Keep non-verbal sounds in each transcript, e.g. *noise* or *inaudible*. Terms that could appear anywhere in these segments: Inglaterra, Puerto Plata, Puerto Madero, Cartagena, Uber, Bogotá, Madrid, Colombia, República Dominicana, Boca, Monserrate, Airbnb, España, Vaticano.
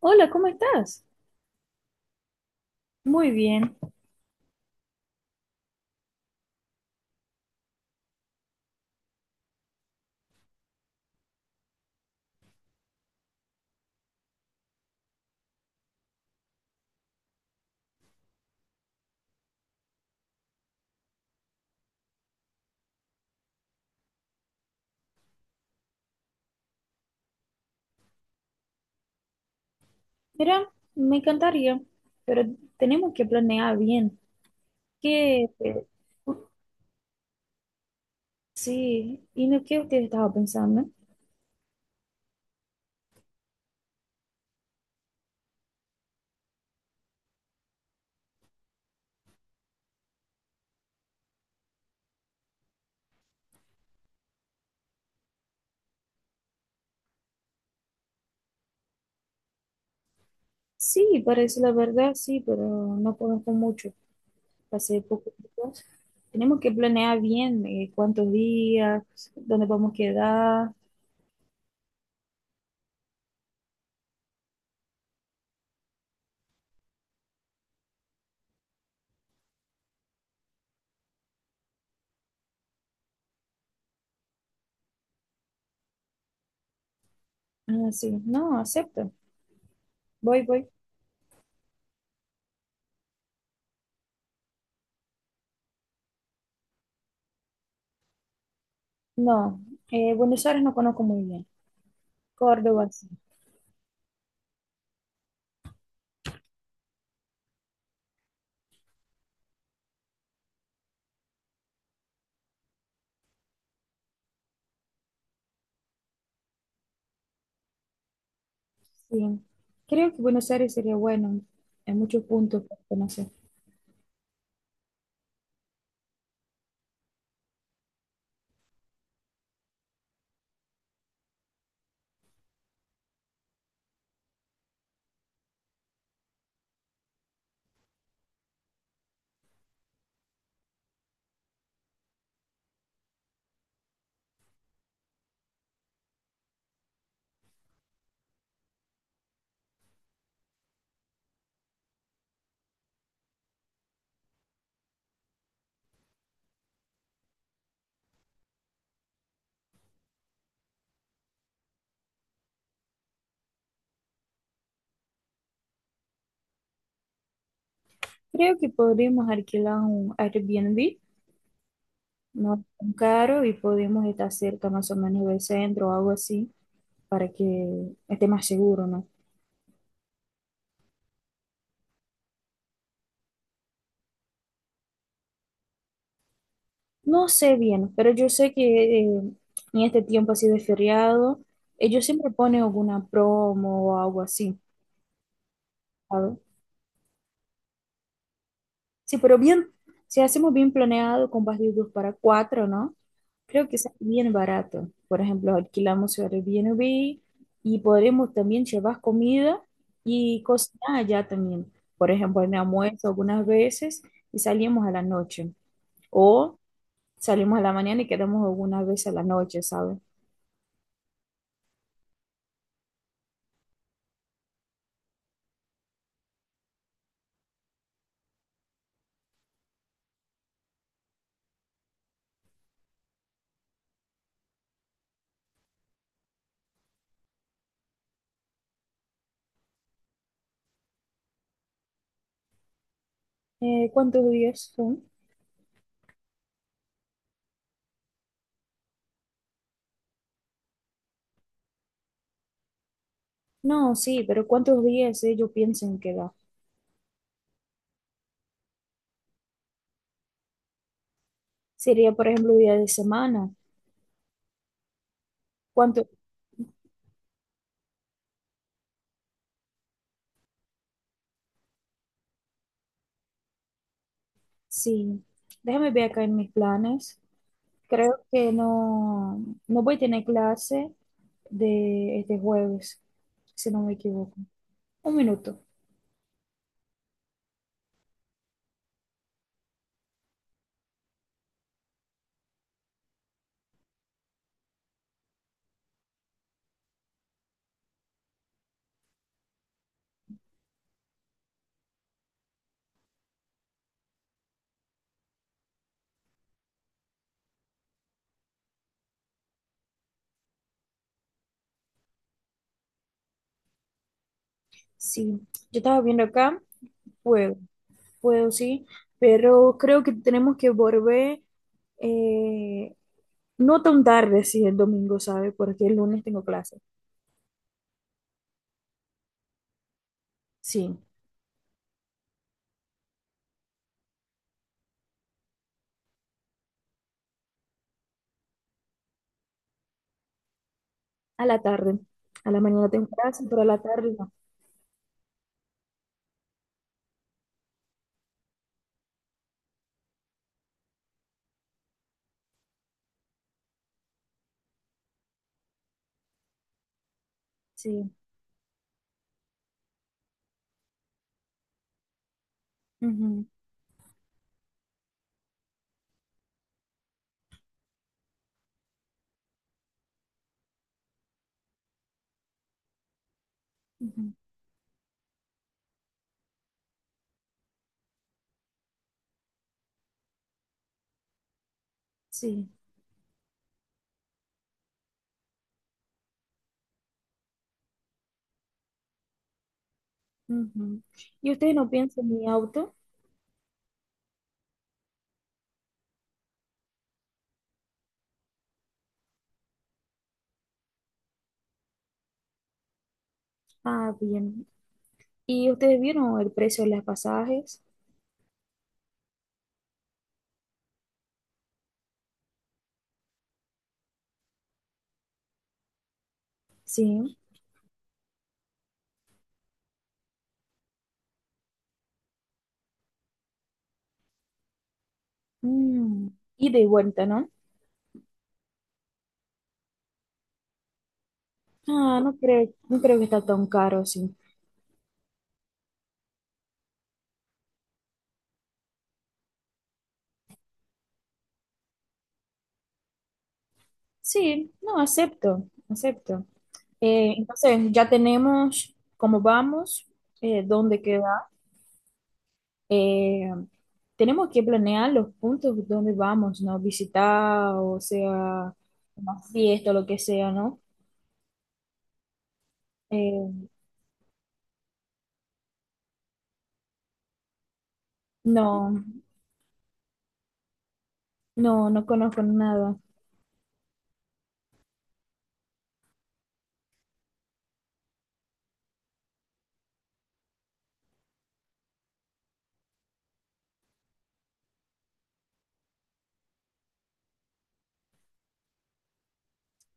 Hola, ¿cómo estás? Muy bien. Mira, me encantaría, pero tenemos que planear bien. ¿Qué? Sí, ¿y no qué usted estaba pensando? Sí, parece la verdad, sí, pero no conozco mucho. Hace poco tiempo. Tenemos que planear bien, cuántos días, dónde vamos a quedar. Ah, sí, no, acepto. Voy. No, Buenos Aires no conozco muy bien. Córdoba, sí. Sí, creo que Buenos Aires sería bueno en muchos puntos para conocer. Creo que podríamos alquilar un Airbnb, no es tan caro, y podemos estar cerca más o menos del centro o algo así para que esté más seguro, ¿no? No sé bien, pero yo sé que en este tiempo así de feriado, ellos siempre ponen alguna promo o algo así, ¿sabes? Sí, pero bien, si hacemos bien planeado con partidos para cuatro, ¿no? Creo que es bien barato. Por ejemplo, alquilamos Airbnb y podremos también llevar comida y cocinar allá también. Por ejemplo, en almuerzo algunas veces y salimos a la noche. O salimos a la mañana y quedamos algunas veces a la noche, ¿sabes? ¿cuántos días son? No, sí, pero ¿cuántos días ellos piensan que da? Sería, por ejemplo, día de semana. ¿Cuántos Sí, déjame ver acá en mis planes. Creo que no, no voy a tener clase de este jueves, si no me equivoco. Un minuto. Sí, yo estaba viendo acá, puedo, puedo, sí, pero creo que tenemos que volver, eh, no tan tarde, si el domingo, ¿sabe? Porque el lunes tengo clase. Sí, a la tarde. A la mañana tengo clase, pero a la tarde no. Sí, ujú, ujú, sí. Ujú. Y ustedes no piensan en mi auto. Ah, bien. ¿Y ustedes vieron el precio de los pasajes? Sí. Mm. Ida y de vuelta, ¿no? Ah, no creo, no creo que está tan caro, sí. Sí, no, acepto, acepto. Entonces, ya tenemos cómo vamos, dónde queda. Eh, tenemos que planear los puntos donde vamos, ¿no? Visitar, o sea, una fiesta, lo que sea, ¿no? Eh, no. No, no conozco nada.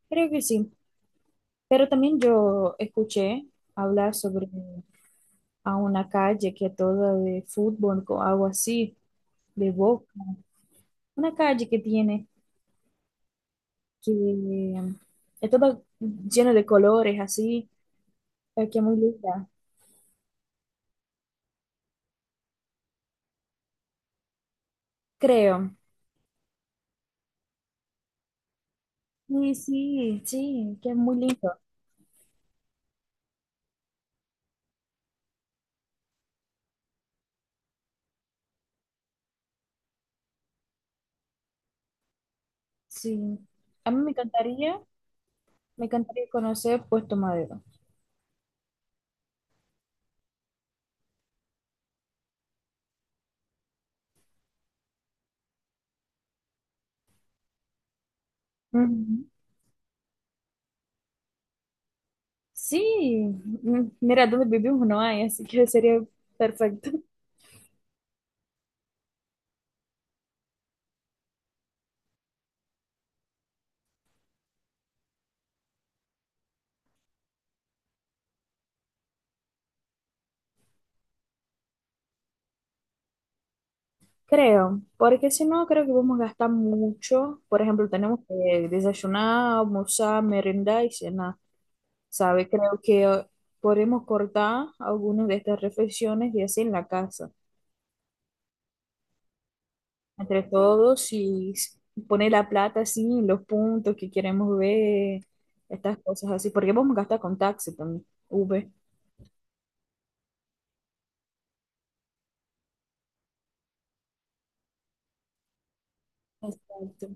Creo que sí. Pero también yo escuché hablar sobre a una calle que es toda de fútbol o algo así, de Boca. Una calle que tiene, que es toda llena de colores así, que es muy linda, creo. Sí, sí, sí, que es muy lindo. Sí. A mí me encantaría conocer Puerto Madero. Ujú. Sí, mm, mira, donde vivimos no hay, así que sería perfecto. *laughs* Creo, porque si no, creo que vamos a gastar mucho. Por ejemplo, tenemos que desayunar, almorzar, merendar y cenar, ¿sabe? Creo que podemos cortar algunas de estas reflexiones y así en la casa, entre todos y poner la plata así, los puntos que queremos ver, estas cosas así, porque vamos a gastar con taxi también, Uber. Exacto,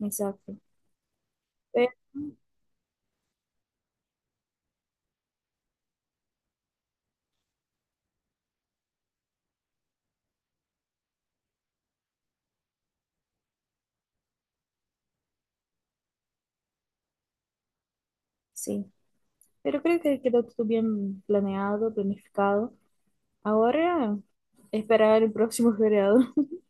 exacto. Pero, sí. Pero creo que quedó todo bien planeado, planificado. Ahora, esperar el próximo feriado. *laughs*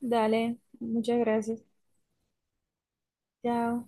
Dale, muchas gracias. Chao.